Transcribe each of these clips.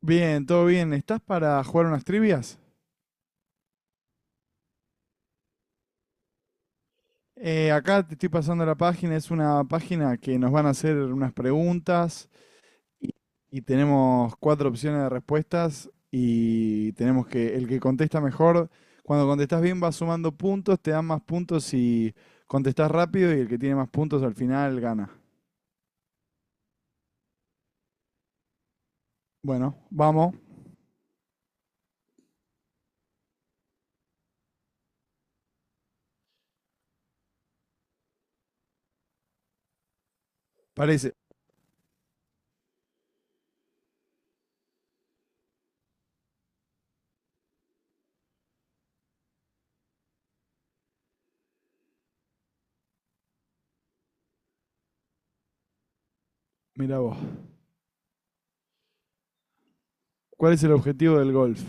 Bien, todo bien. ¿Estás para jugar unas trivias? Acá te estoy pasando la página. Es una página que nos van a hacer unas preguntas y, y tenemos cuatro opciones de respuestas y tenemos que el que contesta mejor, cuando contestas bien vas sumando puntos, te dan más puntos si contestas rápido y el que tiene más puntos al final gana. Bueno, vamos. Parece. Mira vos. ¿Cuál es el objetivo del golf?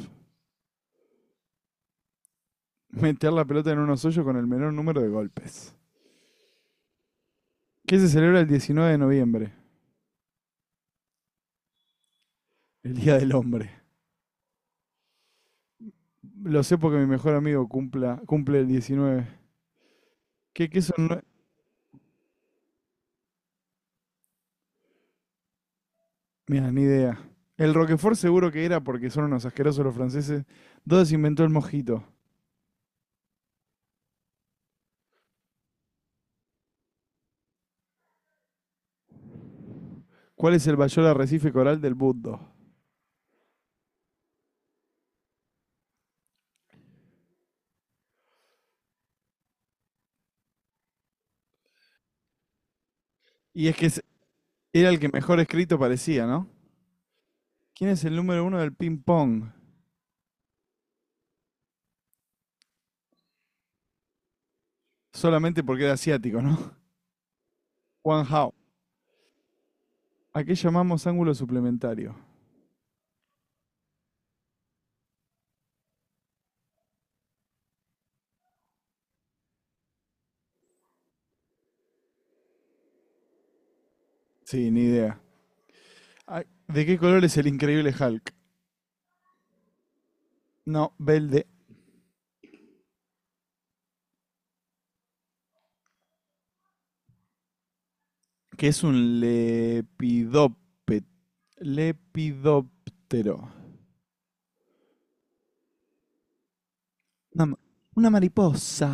Meter la pelota en unos hoyos con el menor número de golpes. ¿Qué se celebra el 19 de noviembre? El Día del Hombre. Lo sé porque mi mejor amigo cumple el 19. ¿Qué son? Mira, ni idea. El Roquefort seguro que era porque son unos asquerosos los franceses. ¿Dónde se inventó el mojito? ¿Cuál es el mayor arrecife coral del mundo? Y es que es- era el que mejor escrito parecía, ¿no? ¿Quién es el número uno del ping-pong? Solamente porque era asiático, ¿no? Juan Hao. ¿A qué llamamos ángulo suplementario? Sí, ni idea. Ah, ¿de qué color es el increíble Hulk? No, verde. Que es un lepidóptero. Una, ma- una mariposa.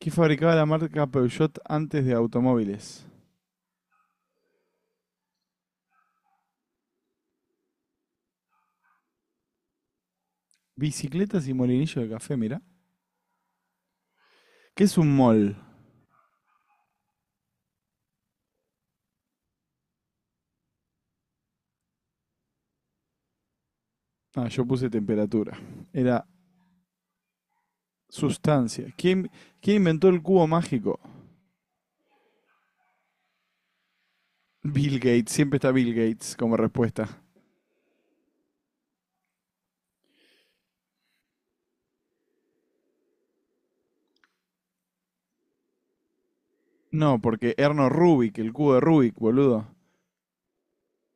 Que fabricaba la marca Peugeot antes de automóviles. Bicicletas y molinillo de café, mira. ¿Qué es un mol? Ah, yo puse temperatura. Era sustancia. ¿Quién inventó el cubo mágico? Bill Gates. Siempre está Bill Gates como respuesta. No, porque Erno Rubik, el cubo de Rubik, boludo.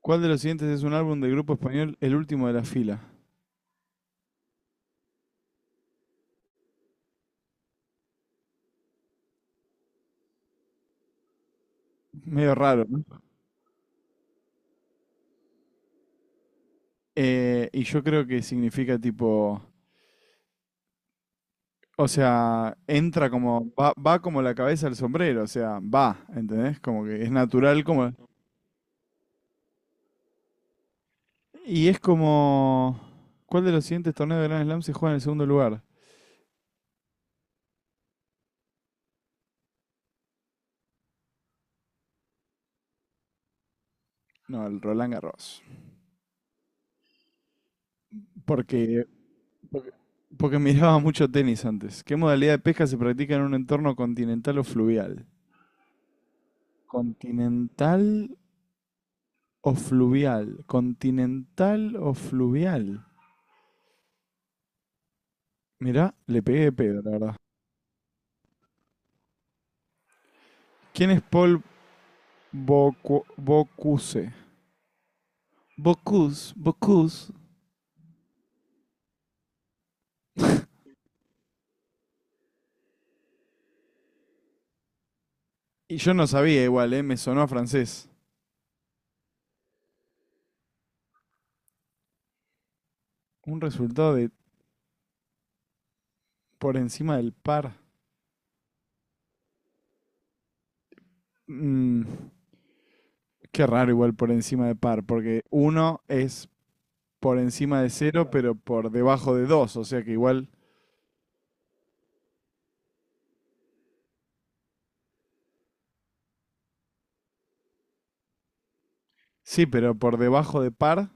¿Cuál de los siguientes es un álbum del grupo español El último de la fila? Medio raro, ¿no? Y yo creo que significa tipo, o sea, entra como, va, como la cabeza al sombrero, o sea, va, ¿entendés? Como que es natural como... Y es como, ¿cuál de los siguientes torneos de Grand Slam se juega en el segundo lugar? No, el Roland Garros. Porque, porque, porque miraba mucho tenis antes. ¿Qué modalidad de pesca se practica en un entorno continental o fluvial? Continental o fluvial. Continental o fluvial. Mirá, le pegué de pedo, la verdad. ¿Quién es Paul Bocuse? Bocuse, Bocuse. Y yo no sabía igual, ¿eh? Me sonó a francés. Un resultado de por encima del par. Mm, qué raro igual por encima de par, porque uno es por encima de cero, pero por debajo de dos. O sea que igual... Sí, pero por debajo de par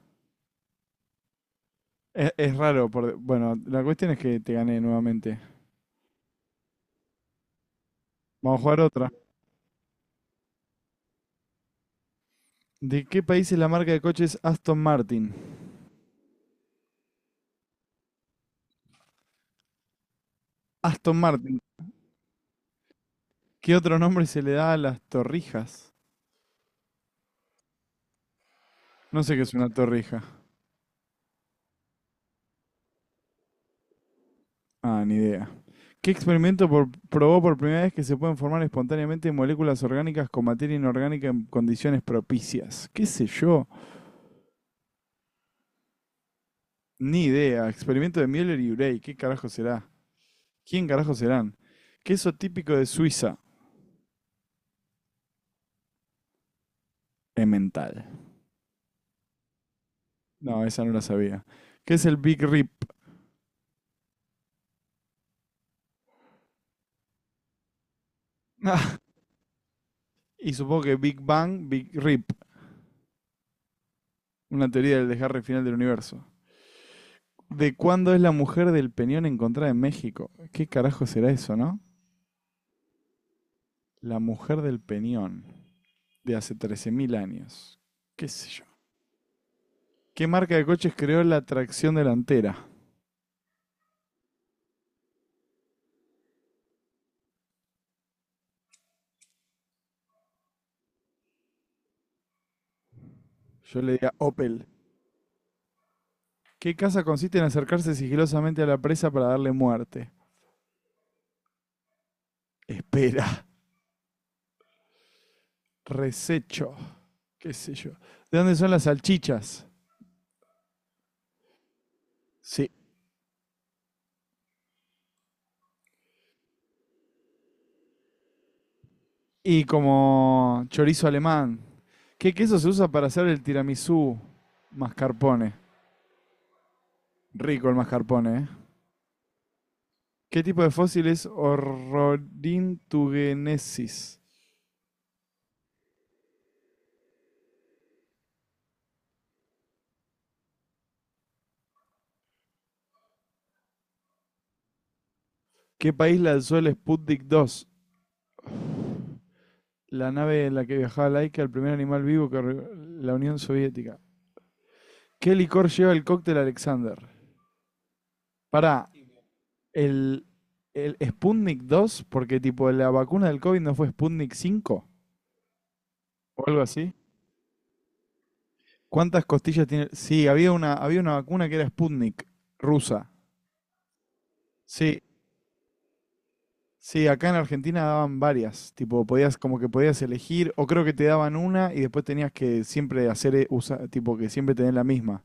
es raro. Bueno, la cuestión es que te gané nuevamente. Vamos a jugar otra. ¿De qué país es la marca de coches Aston Martin? Aston Martin. ¿Qué otro nombre se le da a las torrijas? No sé qué es una torrija. Ah, ni idea. ¿Qué experimento probó por primera vez que se pueden formar espontáneamente moléculas orgánicas con materia inorgánica en condiciones propicias? ¿Qué sé yo? Ni idea. Experimento de Müller y Urey. ¿Qué carajo será? ¿Quién carajo serán? Queso típico de Suiza. Emmental. No, esa no la sabía. ¿Qué es el Big Rip? Ah, y supongo que Big Bang, Big Rip. Una teoría del desgarre final del universo. ¿De cuándo es la mujer del peñón encontrada en México? ¿Qué carajo será eso, no? La mujer del Peñón, de hace 13.000 años. ¿Qué sé yo? ¿Qué marca de coches creó la tracción delantera? Yo le diría Opel. ¿Qué casa consiste en acercarse sigilosamente a la presa para darle muerte? Espera. Resecho. ¿Qué sé yo? ¿De dónde son las salchichas? Sí. Y como chorizo alemán. ¿Qué queso se usa para hacer el tiramisú? Mascarpone. Rico el mascarpone, ¿eh? ¿Qué tipo de fósil es Ororhyntugenesis? ¿Qué país lanzó el Sputnik 2? La nave en la que viajaba Laika, el primer animal vivo. La Unión Soviética. ¿Qué licor lleva el cóctel Alexander? Pará, el, el Sputnik 2, porque tipo la vacuna del COVID no fue Sputnik 5, o algo así. ¿Cuántas costillas tiene? Sí, había una vacuna que era Sputnik, rusa. Sí, Sí, acá en Argentina daban varias, tipo podías como que podías elegir o creo que te daban una y después tenías que siempre hacer tipo que siempre tener la misma.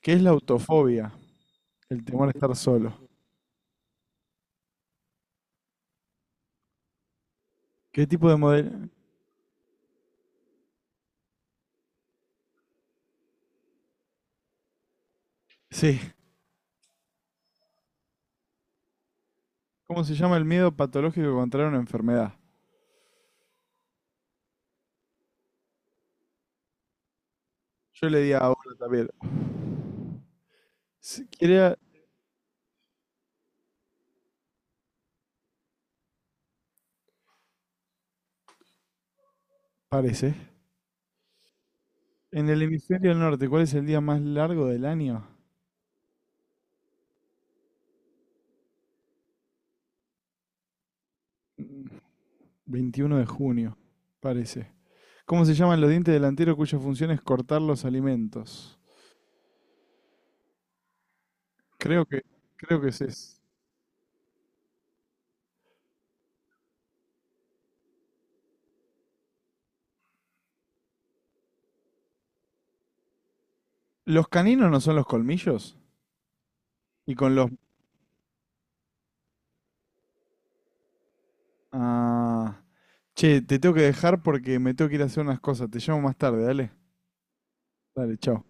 ¿Qué es la autofobia? El temor a estar solo. ¿Qué tipo de modelo? Sí, ¿cómo se llama el miedo patológico contra una enfermedad? Yo le di ahora también. Si quiere, parece. En el hemisferio norte, ¿cuál es el día más largo del año? 21 de junio, parece. ¿Cómo se llaman los dientes delanteros cuya función es cortar los alimentos? Creo que, creo que es. ¿Los caninos no son los colmillos? Y con los. Ah. Che, te tengo que dejar porque me tengo que ir a hacer unas cosas. Te llamo más tarde, dale. Dale, chao.